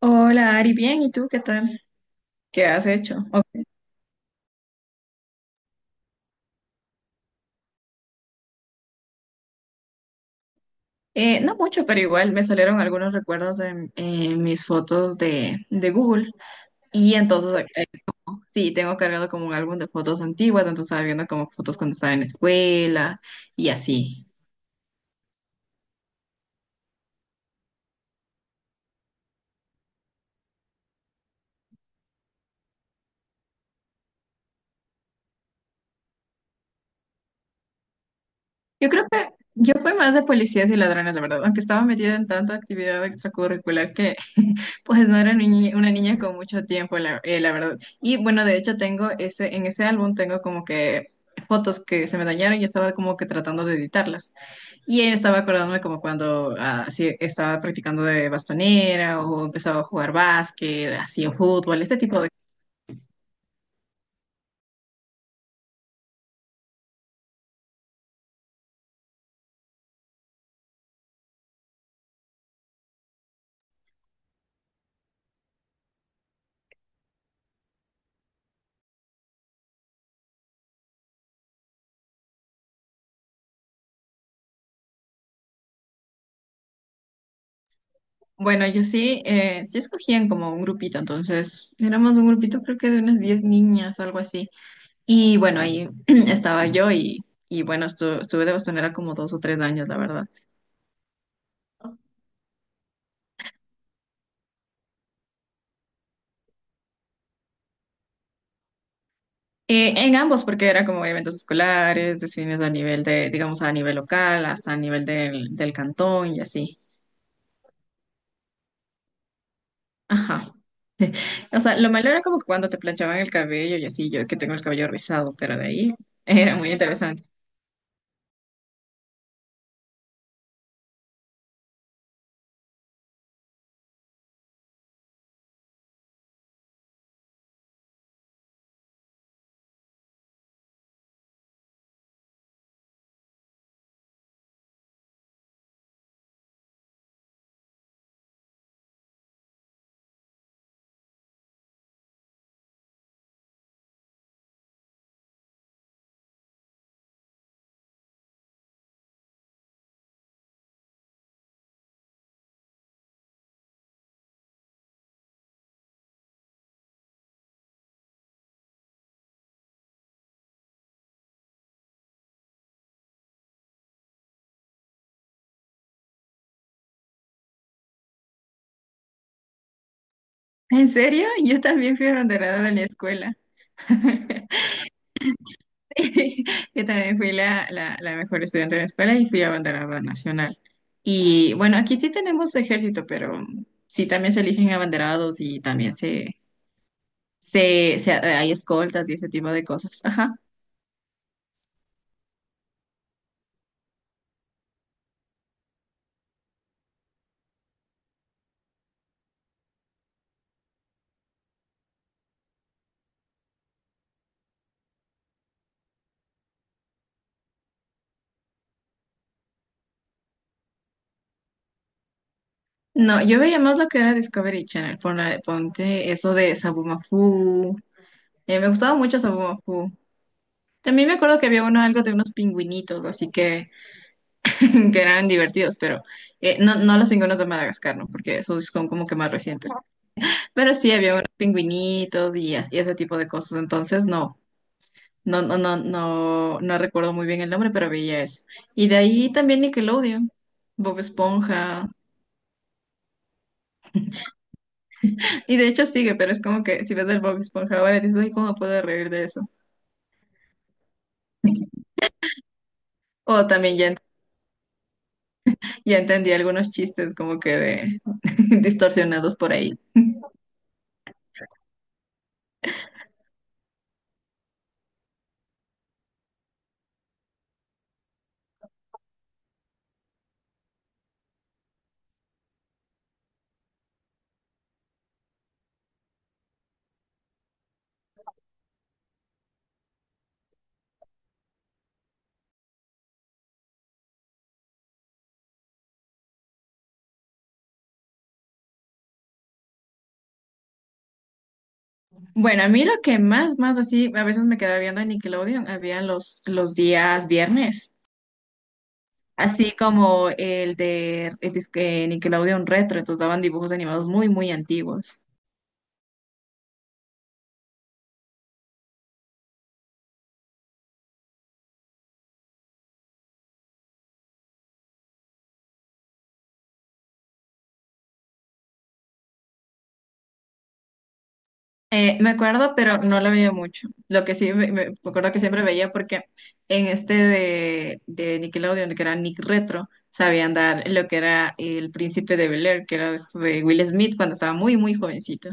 Hola Ari, bien, ¿y tú qué tal? ¿Qué has hecho? Ok. No mucho, pero igual me salieron algunos recuerdos en mis fotos de Google y entonces sí, tengo cargado como un álbum de fotos antiguas, entonces estaba viendo como fotos cuando estaba en la escuela y así. Yo creo que yo fui más de policías y ladrones, la verdad, aunque estaba metida en tanta actividad extracurricular que pues no era una niña con mucho tiempo, la verdad. Y bueno, de hecho tengo en ese álbum tengo como que fotos que se me dañaron y estaba como que tratando de editarlas. Y estaba acordándome como cuando así estaba practicando de bastonera o empezaba a jugar básquet, así o fútbol, ese tipo de. Bueno, yo sí, sí escogían como un grupito, entonces éramos un grupito creo que de unas 10 niñas, algo así. Y bueno, ahí estaba yo y bueno, estuve de bastonera como 2 o 3 años, la verdad. En ambos, porque era como eventos escolares, de cines a nivel de, digamos, a nivel local, hasta a nivel del cantón y así. Ajá. O sea, lo malo era como que cuando te planchaban el cabello y así, yo que tengo el cabello rizado, pero de ahí era muy interesante. ¿En serio? Yo también fui abanderada de la escuela. Sí, yo también fui la mejor estudiante de la escuela y fui abanderada nacional. Y bueno, aquí sí tenemos ejército, pero sí también se eligen abanderados y también hay escoltas y ese tipo de cosas. Ajá. No, yo veía más lo que era Discovery Channel, por la, ponte eso de Sabumafu. Me gustaba mucho Sabumafu. También me acuerdo que había uno, algo de unos pingüinitos, así que, que eran divertidos, pero no, no los pingüinos de Madagascar, ¿no? Porque esos son como que más recientes. Pero sí, había unos pingüinitos y, y ese tipo de cosas, entonces no recuerdo muy bien el nombre, pero veía eso. Y de ahí también Nickelodeon, Bob Esponja. Y de hecho sigue, pero es como que si ves el Bob Esponja ahora dices, ay, ¿cómo puedo reír de eso? O también ya, ya entendí algunos chistes como que de distorsionados por ahí. Bueno, a mí lo que más así, a veces me quedaba viendo en Nickelodeon, había los días viernes, así como el de el disque Nickelodeon Retro, entonces daban dibujos animados muy antiguos. Me acuerdo, pero no la veía mucho. Lo que sí me acuerdo que siempre veía porque en este de Nickelodeon, que era Nick Retro, sabían dar lo que era El Príncipe de Bel-Air, que era esto de Will Smith cuando estaba muy jovencito.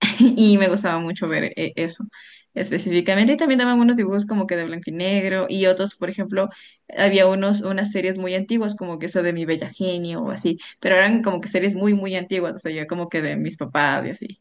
Y me gustaba mucho ver eso específicamente. Y también daban unos dibujos como que de blanco y negro y otros, por ejemplo, había unas series muy antiguas como que esa de Mi Bella Genio o así, pero eran como que series muy antiguas, o sea, ya como que de mis papás y así.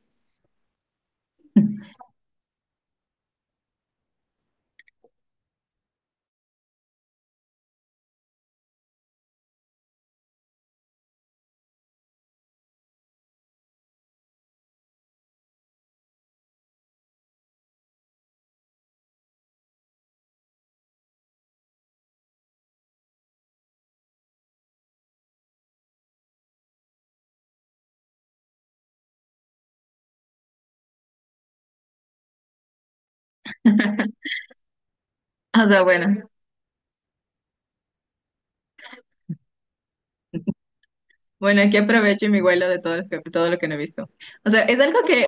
O sea, bueno. Bueno, aquí aprovecho y me huelo de todo, todo lo que no he visto. O sea, es algo que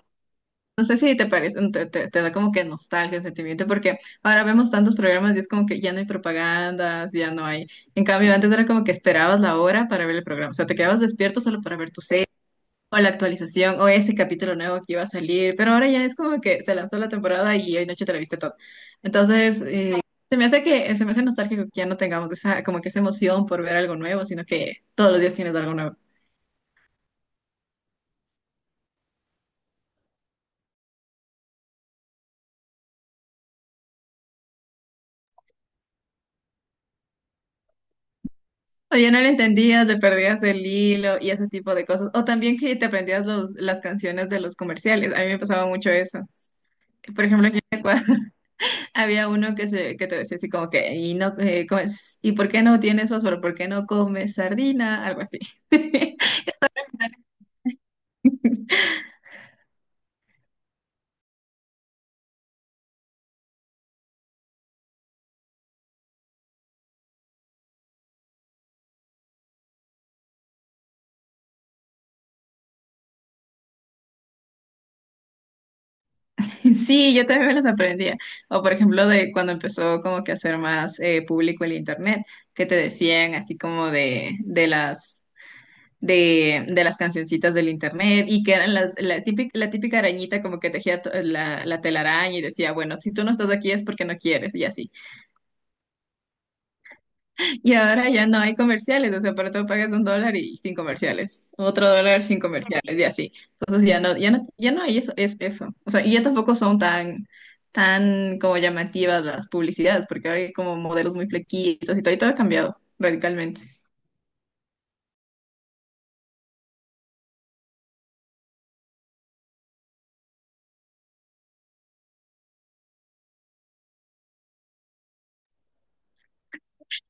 no sé si te parece, te da como que nostalgia, un sentimiento, porque ahora vemos tantos programas y es como que ya no hay propagandas, ya no hay. En cambio, antes era como que esperabas la hora para ver el programa. O sea, te quedabas despierto solo para ver tu serie o la actualización o ese capítulo nuevo que iba a salir. Pero ahora ya es como que se lanzó la temporada y hoy noche te la viste todo. Entonces, se me hace que se me hace nostálgico que ya no tengamos esa, como que esa emoción por ver algo nuevo, sino que todos los días tienes algo nuevo. O ya no lo entendías, le perdías el hilo y ese tipo de cosas. O también que te aprendías las canciones de los comerciales. A mí me pasaba mucho eso. Por ejemplo, que había uno que te decía así como que, y, no, ¿cómo? ¿Y por qué no tienes fósforo? ¿Por qué no comes sardina? Algo así. Sí, yo también me las aprendía. O por ejemplo, de cuando empezó como que a ser más público el internet, que te decían así como de las, de las cancioncitas del internet y que eran la típica arañita como que tejía la telaraña y decía, bueno, si tú no estás aquí es porque no quieres y así. Y ahora ya no hay comerciales, o sea, para todo pagas $1 y sin comerciales, otro dólar sin comerciales y así. Entonces ya no hay eso, es eso. O sea, y ya tampoco son tan como llamativas las publicidades, porque ahora hay como modelos muy flequitos y todo ha cambiado radicalmente.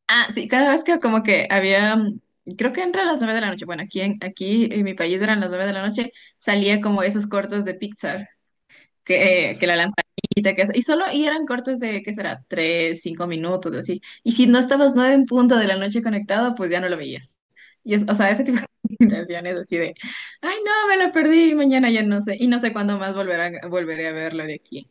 Ah, sí, cada vez que como que había, creo que entre las 9 de la noche, bueno, aquí en mi país eran las 9 de la noche, salía como esos cortos de Pixar, que la lamparita, que eso, y solo, y eran cortos de, ¿qué será? 3, 5 minutos, así. Y si no estabas 9 en punto de la noche conectado, pues ya no lo veías. Y es, o sea, ese tipo de intenciones así de, ay, no, me lo perdí, mañana ya no sé, y no sé cuándo más volveré a verlo de aquí.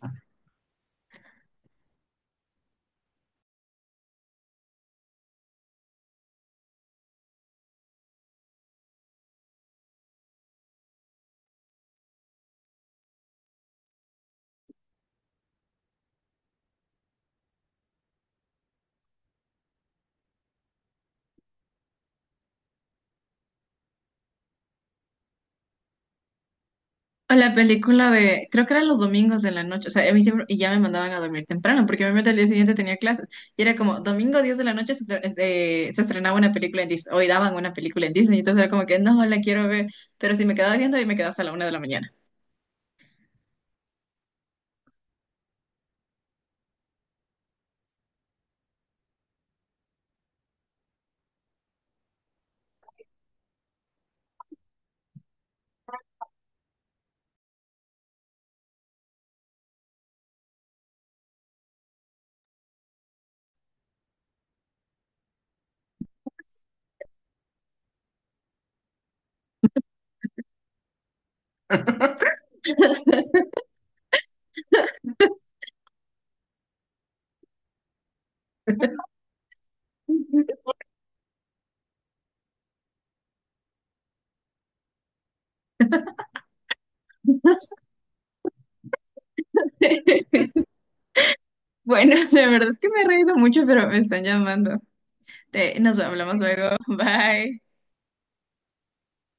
A la película de, creo que eran los domingos de la noche, o sea, a mí siempre, y ya me mandaban a dormir temprano, porque obviamente al día siguiente tenía clases, y era como, domingo 10 de la noche se estrenaba una película en Disney, hoy daban una película en Disney, entonces era como que, no, la quiero ver, pero si me quedaba viendo, ahí me quedaba hasta la 1 de la mañana. Bueno, la verdad es que me he reído mucho, pero me están llamando. Nos hablamos luego, bye.